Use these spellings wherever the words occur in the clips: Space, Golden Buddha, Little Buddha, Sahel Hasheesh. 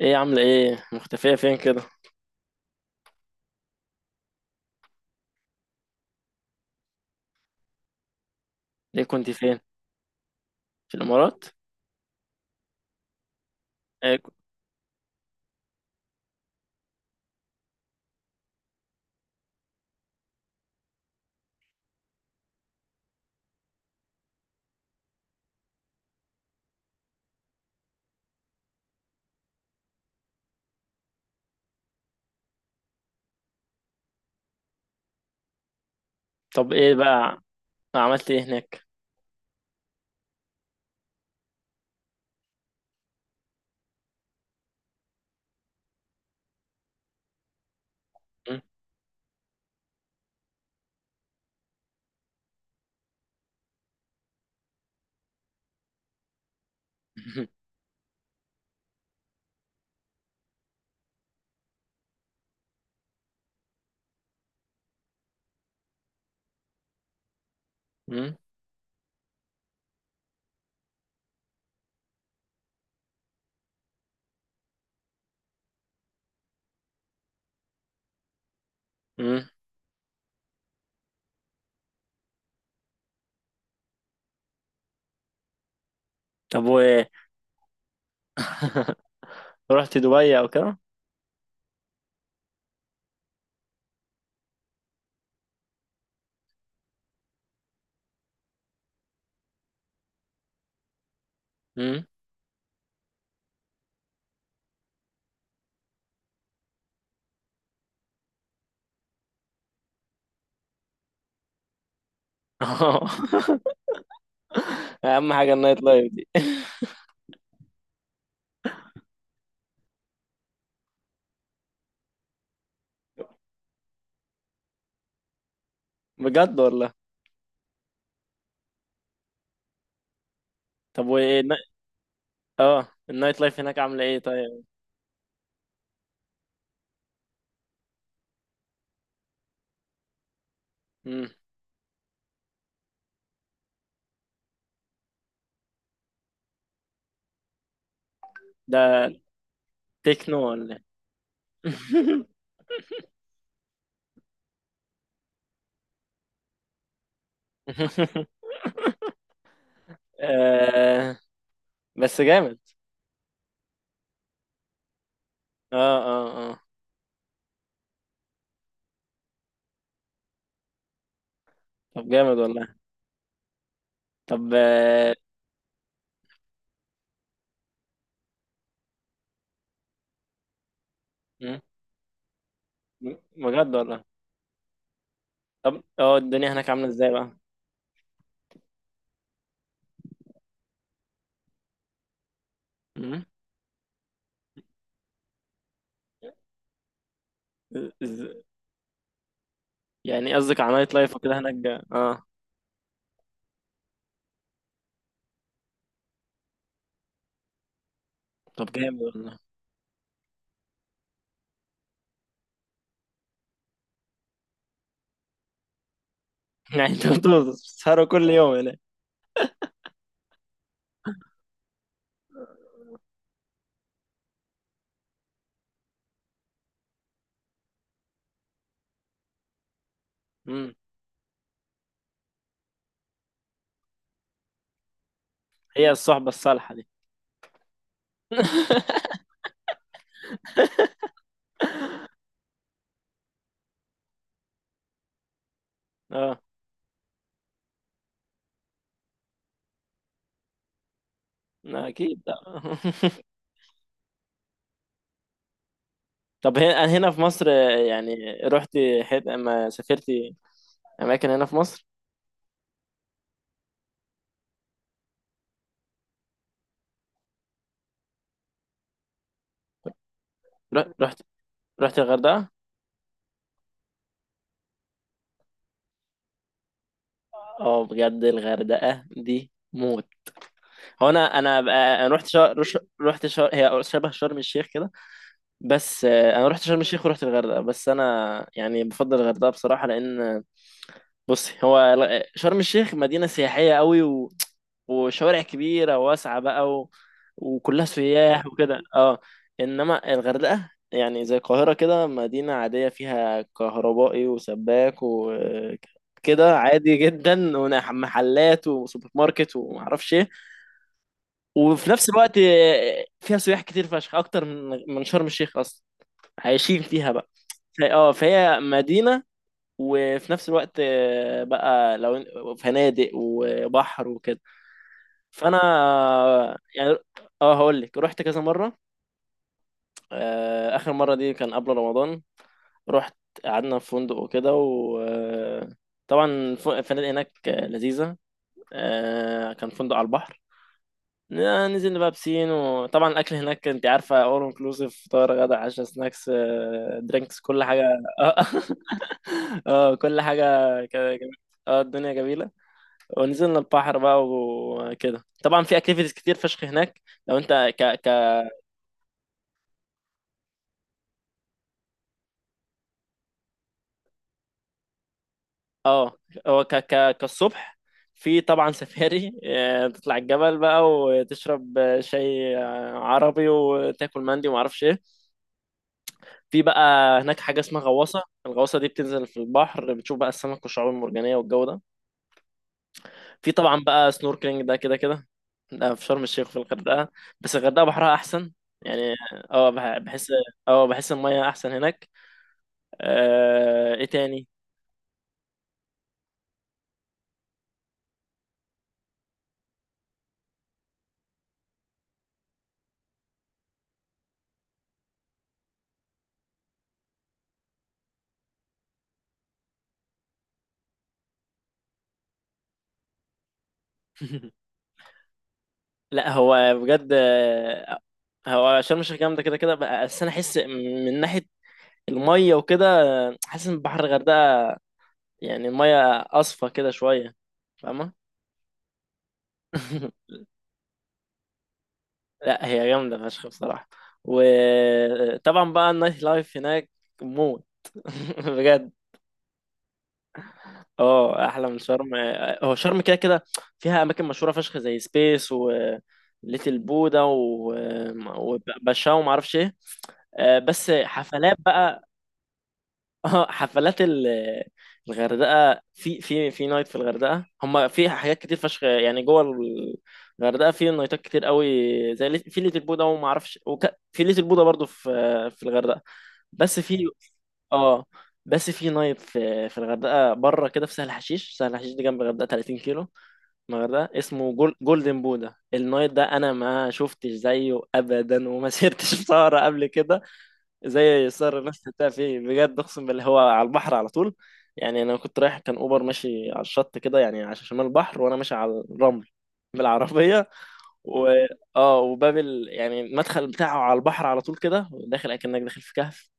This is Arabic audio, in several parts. ايه عاملة ايه مختفية فين كده؟ ليه؟ كنت فين؟ في الامارات؟ إيه ك- طب ايه بقى؟ عملت ايه هناك؟ مم. مم. مم. طب وايه؟ رحت دبي او كده؟ مم. اهم حاجة النايت لايف دي. بجد والله؟ طب وايه النا- اه النايت لايف هناك عاملة ايه طيب؟ مم. ده تكنو ولا إيه؟ آه، بس جامد. اه اه اه. طب جامد والله. طب آه. بجد والله؟ طب اه، الدنيا هناك عاملة ازاي بقى؟ مم؟ إز... يعني قصدك على نايت لايف وكده هناك اه. طب جامد والله. يعني انتوا بتبقوا بتسهروا كل يوم هناك؟ مم. هي الصحبة الصالحة دي. اه. لا، اكيد. طب هنا في مصر، يعني ما سافرتي اماكن هنا في مصر؟ رحت، رحت الغردقة؟ اه بجد الغردقة دي موت. هو أنا رحت هي شبه شرم الشيخ كده. بس آه، انا رحت شرم الشيخ ورحت الغردقه، بس انا يعني بفضل الغردقه بصراحه، لان آه، بصي شرم الشيخ مدينه سياحيه قوي، و... وشوارع كبيره واسعه بقى، و... وكلها سياح وكده اه. انما الغردقه يعني زي القاهره كده، مدينه عاديه فيها كهربائي وسباك وكده، عادي جدا ومحلات وسوبر ماركت ومعرفش ايه. وفي نفس الوقت آه، فيها سياح كتير فشخ اكتر من شرم الشيخ اصلا، عايشين فيها. اه فهي مدينة، وفي نفس الوقت آه، بقى لو فنادق وبحر وكده. فانا آه، يعني اه هقول لك. رحت كذا مرة، آه، اخر مرة دي كان قبل رمضان. رحت قعدنا في فندق وكده، وطبعا الفنادق هناك آه، لذيذة. آه، كان فندق على البحر. نزلنا بقى بسين، وطبعا الاكل هناك انت عارفه، اول انكلوسيف، فطار غدا عشاء سناكس درينكس كل حاجه. اه كل حاجة كده جميلة. اه الدنيا جميلة. ونزلنا البحر بقى وكده، طبعا في اكتيفيتيز كتير فشخ هناك. لو انت ك ك اه هو ك ك كالصبح في طبعا سفاري، آه، تطلع الجبل بقى وتشرب آه، شاي آه، عربي، وتاكل مندي وما اعرفش ايه. في بقى هناك حاجة اسمها غواصة. الغواصة دي بتنزل في البحر، بتشوف بقى السمك والشعاب المرجانية والجو ده. في طبعا بقى سنوركلينج، ده كده كده. ده في شرم الشيخ في الغردقه، بس الغردقه بحرها احسن، يعني اه بحس، اه بحس الميه احسن هناك. آه، ايه تاني؟ لا هو بجد آه، هو شرم الشيخ جامده كده كده بس انا احس من ناحيه الميه وكده، آه، حاسس ان بحر الغردقه يعني الميه اصفى كده شويه، فاهمه؟ لا هي جامده فشخ بصراحه، وطبعا بقى النايت لايف هناك موت. بجد. اه احلى من شرم، آه، هو شرم كده كده فيها اماكن مشهوره فشخ زي سبيس، و ليتل بودا، و... وباشا وما اعرفش ايه. آه، بس حفلات بقى. اه الغردقه في في نايت في الغردقه، هم في حاجات كتير فشخ يعني جوه. الغردقه في نايتات كتير قوي، زي في ليتل بودا وما اعرفش في ليتل بودا برضو في في الغردقه. بس في اه بس في نايت في الغردقه بره كده في سهل حشيش. سهل حشيش دي جنب الغردقه 30 كيلو من الغردقه، اسمه جولدن بودا. النايت ده انا ما شفتش زيه ابدا، وما سيرتش في سهره قبل كده. زي سعر نفس بتاع فيه، بجد اقسم بالله هو على البحر على طول. يعني انا كنت رايح، كان اوبر ماشي على الشط كده، يعني على شمال البحر وانا ماشي على الرمل بالعربيه. و اه يعني المدخل بتاعه على البحر على طول كده، داخل اكنك داخل في كهف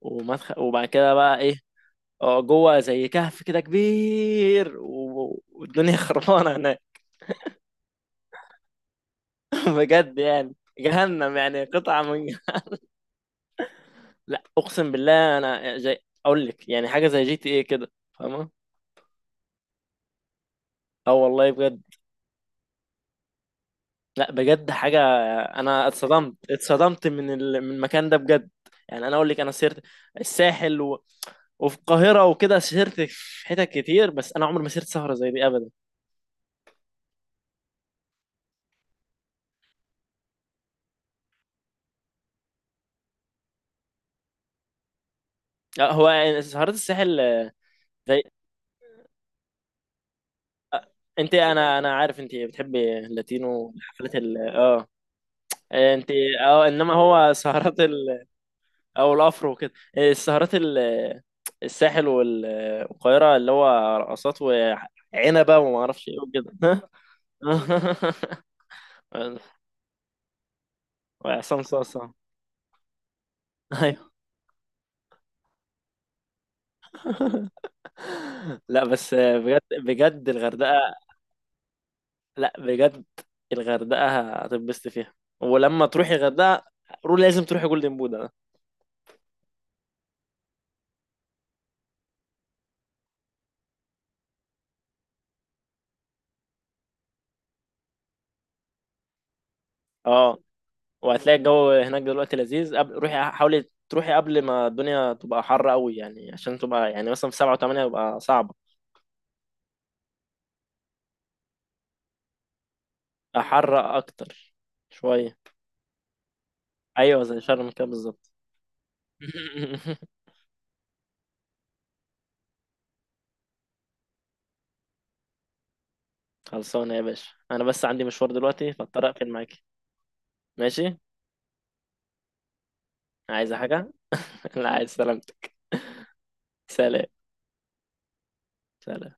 ومدخل. وبعد كده بقى ايه، اه جوه زي كهف كده كبير، و... والدنيا خربانه هناك. بجد يعني جهنم، يعني قطعه من لا اقسم بالله انا زي، اقول لك يعني حاجه زي جي تي ايه كده، فاهمه؟ اه والله بجد. لا بجد حاجة، انا اتصدمت، اتصدمت من المكان ده بجد. يعني انا اقول لك، انا سيرت الساحل، و... وفي القاهرة وكده، سهرت في حتت كتير، بس انا عمري ما سهرت سهرة زي دي ابدا. لا، هو سهرات الساحل آه، زي، انت انا عارف انت بتحبي اللاتينو، حفلات ال اه، آه، انت اه. انما هو سهرات ال، او الافرو وكده، آه، السهرات ال الساحل والقاهرة، اللي هو رقصات وعنبة وما اعرفش ايه وكده. وعصام صاصة. ايوه لا بس بجد بجد الغردقة. لا بجد الغردقة هتنبسط فيها. ولما تروحي الغردقة، روح لازم تروحي جولدن بودا ده. اه وهتلاقي الجو هناك دلوقتي لذيذ. قبل روحي حاولي تروحي قبل ما الدنيا تبقى حر قوي، يعني عشان تبقى يعني مثلا في 7 و8 يبقى صعبة. حر أكتر شوية. أيوة زي شرم كده بالظبط. خلصانة يا باشا، أنا بس عندي مشوار دلوقتي فاضطر أقفل معاكي. ماشي. عايزة حاجة؟ لا عايز سلامتك. سلام. سلام.